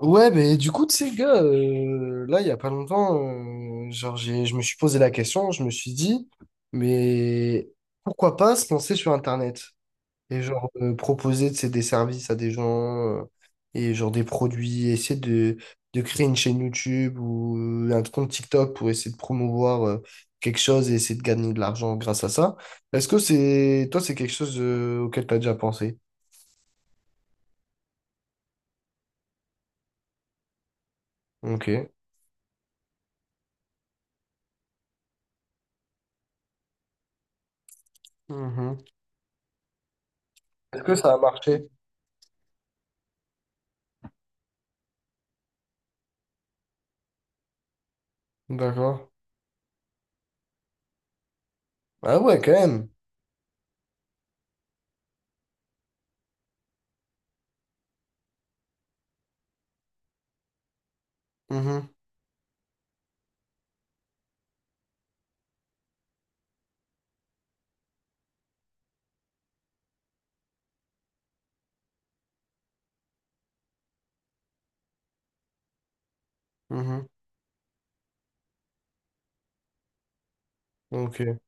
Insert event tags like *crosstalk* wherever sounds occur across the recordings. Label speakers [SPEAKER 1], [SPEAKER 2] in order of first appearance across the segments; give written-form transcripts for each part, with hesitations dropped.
[SPEAKER 1] Ouais, mais du coup, tu sais, gars, là, il y a pas longtemps, genre, je me suis posé la question, je me suis dit, mais pourquoi pas se lancer sur Internet et genre proposer, tu sais, des services à des gens et genre des produits, essayer de créer une chaîne YouTube ou un compte TikTok pour essayer de promouvoir quelque chose et essayer de gagner de l'argent grâce à ça. Est-ce que toi, c'est quelque chose auquel tu as déjà pensé? Ok. Mhm. Est-ce que ça a marché? D'accord. Ah ouais, quand même. Mhm, mhm. Ok.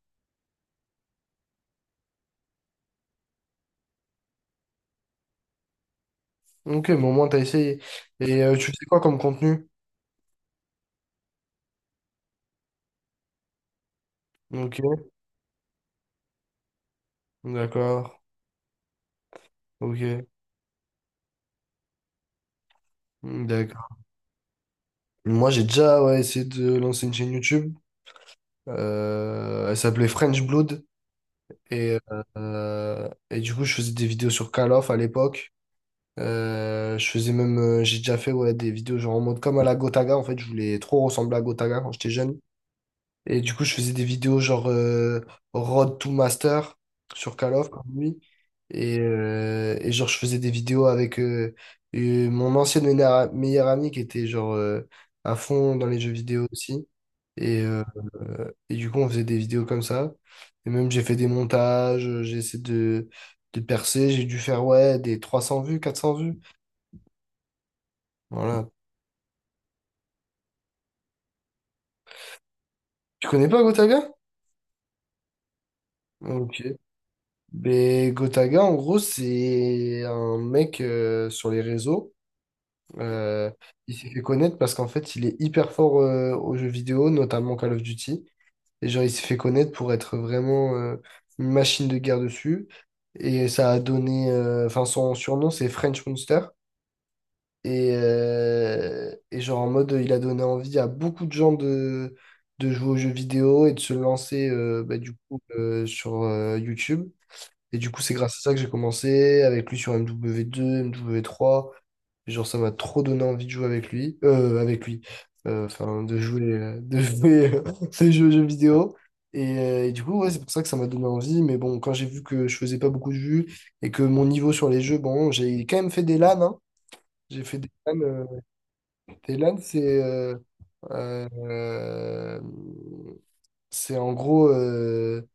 [SPEAKER 1] Ok, mais au moins t'as essayé. Et tu fais quoi comme contenu? Ok. D'accord. Ok. D'accord. Moi j'ai déjà, ouais, essayé de lancer une chaîne YouTube. Elle s'appelait French Blood. Et, et du coup je faisais des vidéos sur Call of à l'époque. Je faisais même, j'ai déjà fait, ouais, des vidéos genre en mode comme à la Gotaga. En fait, je voulais trop ressembler à Gotaga quand j'étais jeune. Et du coup, je faisais des vidéos genre Road to Master sur Call of, comme lui. Et genre, je faisais des vidéos avec mon ancien meilleur ami qui était genre à fond dans les jeux vidéo aussi. Et, euh, et du coup, on faisait des vidéos comme ça. Et même, j'ai fait des montages, j'ai essayé de percer. J'ai dû faire, ouais, des 300 vues, 400 vues. Voilà. Tu connais pas Gotaga? Ok. Ben, Gotaga, en gros, c'est un mec sur les réseaux. Euh, il s'est fait connaître parce qu'en fait, il est hyper fort aux jeux vidéo, notamment Call of Duty. Et genre, il s'est fait connaître pour être vraiment une machine de guerre dessus. Et ça a donné. Enfin, son surnom, c'est French Monster. Et genre, en mode, il a donné envie à beaucoup de gens de jouer aux jeux vidéo et de se lancer bah, du coup sur YouTube. Et du coup, c'est grâce à ça que j'ai commencé avec lui sur MW2, MW3. Genre, ça m'a trop donné envie de jouer avec lui. Enfin, de jouer, de *laughs* jouer ces jeux vidéo. Et du coup, ouais, c'est pour ça que ça m'a donné envie. Mais bon, quand j'ai vu que je faisais pas beaucoup de vues et que mon niveau sur les jeux, bon, j'ai quand même fait des LAN, hein. J'ai fait des LAN. Des LAN, euh, c'est en gros.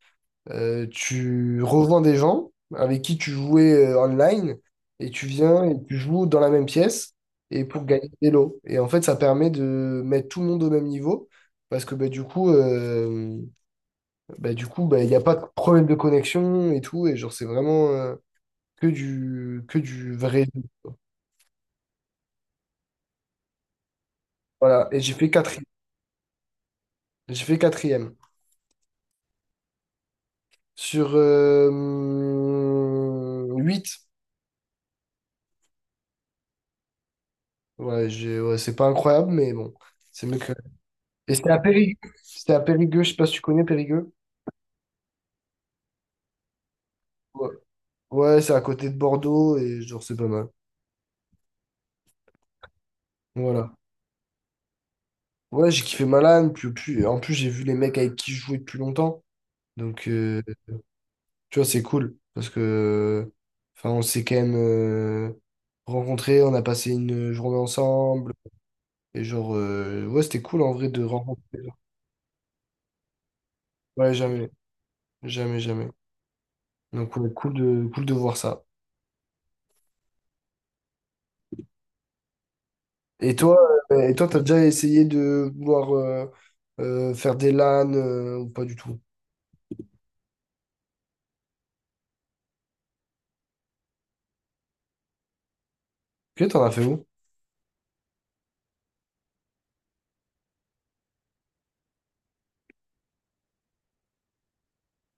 [SPEAKER 1] Tu revends des gens avec qui tu jouais online et tu viens et tu joues dans la même pièce et pour gagner des lots. Et en fait, ça permet de mettre tout le monde au même niveau parce que bah, du coup, bah, il n'y a pas de problème de connexion et tout. Et genre, c'est vraiment que du vrai jeu, quoi. Voilà. Et j'ai fait quatrième. J'ai fait quatrième. Sur huit. Ouais, ouais, c'est pas incroyable, mais bon, c'est mieux que... Et c'était à Périgueux. C'était à Périgueux, je sais pas si tu connais Périgueux. Ouais, ouais, c'est à côté de Bordeaux et genre c'est pas mal. Voilà. Ouais, j'ai kiffé Malan, en plus j'ai vu les mecs avec qui je jouais depuis longtemps. Donc tu vois, c'est cool parce que enfin on s'est quand même rencontrés, on a passé une journée ensemble et genre ouais, c'était cool en vrai de rencontrer. Ouais, jamais, jamais, jamais. Donc ouais, cool de voir ça. Et toi, et toi, t'as déjà essayé de vouloir faire des LAN ou pas du tout? Ok, t'en as fait où?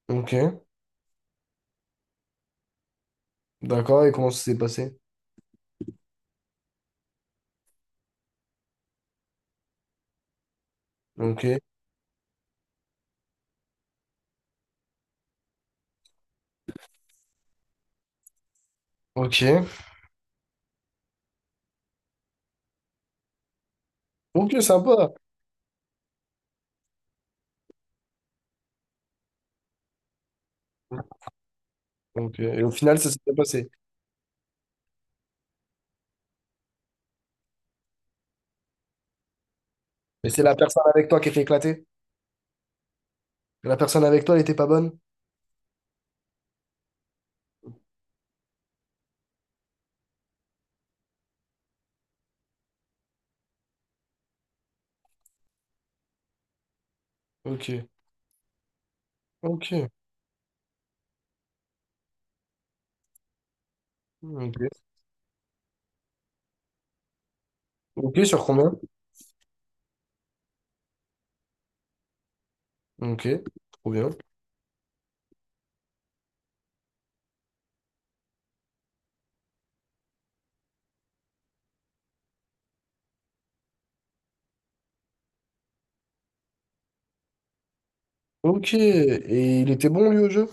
[SPEAKER 1] Ok, d'accord, et comment ça s'est passé? Ok, ok, ok, sympa. Ok, et au final, ça s'est bien passé. Et c'est la personne avec toi qui était éclatée? La personne avec toi, elle était pas bonne? Ok, ok, ok. Ok, sur combien? Ok, trop bien. Ok, et il était bon lui au jeu?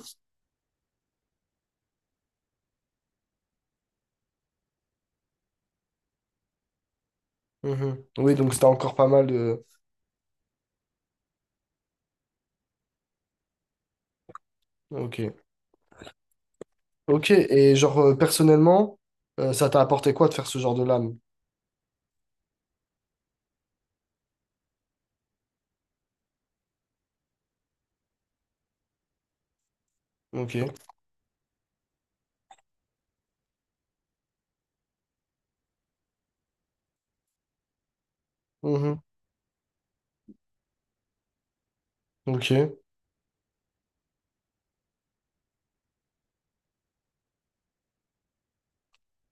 [SPEAKER 1] Mhm. Oui, donc c'était encore pas mal de... Ok. Ok, et genre personnellement, ça t'a apporté quoi de faire ce genre de lame? Ok. Mhm. Ok.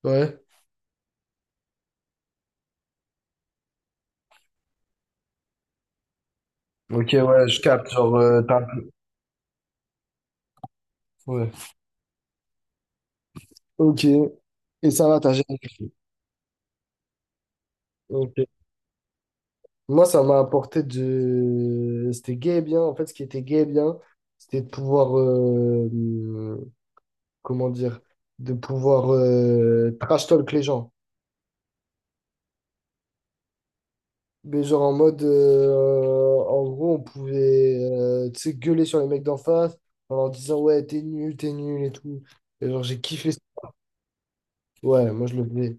[SPEAKER 1] Ouais. Ok, ouais, je capte. Genre, t'as... Ouais. Ok. Et ça va, t'as jamais kiffé. Ok. Moi, ça m'a apporté de... C'était gay et bien. En fait, ce qui était gay et bien, c'était de pouvoir... Comment dire? De pouvoir trash talk les gens. Mais genre en mode, en gros, on pouvait tu sais, gueuler sur les mecs d'en face en leur disant ouais, t'es nul et tout. Et genre, j'ai kiffé ça. Ouais, moi je le faisais.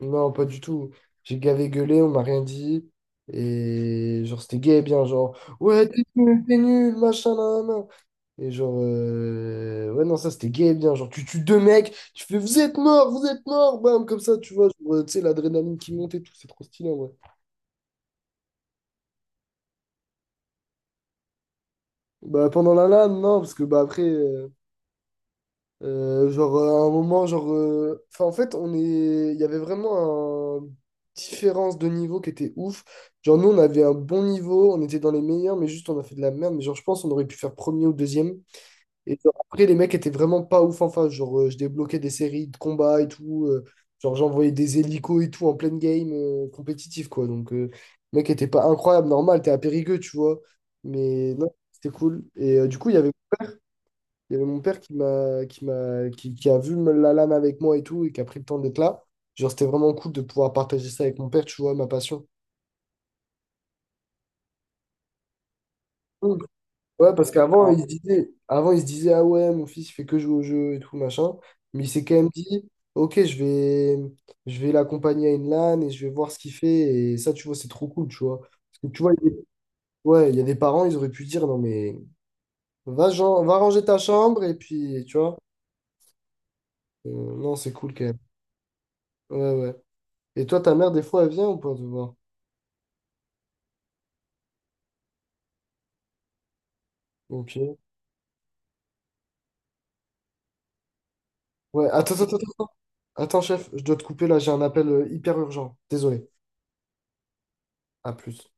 [SPEAKER 1] Non, pas du tout. J'ai gavé gueulé, on m'a rien dit. Et genre, c'était gay et bien, genre ouais, t'es nul, machin, nan, nan, nan. Et genre, ouais, non, ça c'était gay et bien. Genre, tu tues deux mecs, tu fais vous êtes morts, bam, comme ça, tu vois, genre, tu sais, l'adrénaline qui monte et tout, c'est trop stylé, ouais. Bah, pendant la LAN, non, parce que bah, après, genre, à un moment, genre, enfin, en fait, on est... il y avait vraiment une différence de niveau qui était ouf. Genre, nous, on avait un bon niveau, on était dans les meilleurs, mais juste, on a fait de la merde. Mais genre, je pense on aurait pu faire premier ou deuxième. Et genre, après, les mecs étaient vraiment pas ouf en face. Genre, je débloquais des séries de combats et tout. Genre, j'envoyais des hélicos et tout en pleine game compétitif, quoi. Donc, le mec était pas incroyable, normal, t'es à Périgueux, tu vois. Mais non, c'était cool. Et du coup, il y avait mon père qui m'a, qui a vu la lame avec moi et tout, et qui a pris le temps d'être là. Genre, c'était vraiment cool de pouvoir partager ça avec mon père, tu vois, ma passion. Mm. Ouais, parce qu'avant, il se disait, ah ouais, mon fils, il fait que jouer au jeu et tout, machin. Mais il s'est quand même dit, ok, je vais l'accompagner à une LAN et je vais voir ce qu'il fait. Et ça, tu vois, c'est trop cool, tu vois. Parce que tu vois, il y a, ouais, il y a des parents, ils auraient pu dire, non, mais va, va ranger ta chambre et puis, tu vois. Euh, non, c'est cool quand même. Ouais, ouais. Et toi, ta mère, des fois, elle vient ou pas te voir? Ok. Ouais, attends, attends, attends, attends. Attends, chef, je dois te couper là, j'ai un appel hyper urgent. Désolé. À plus.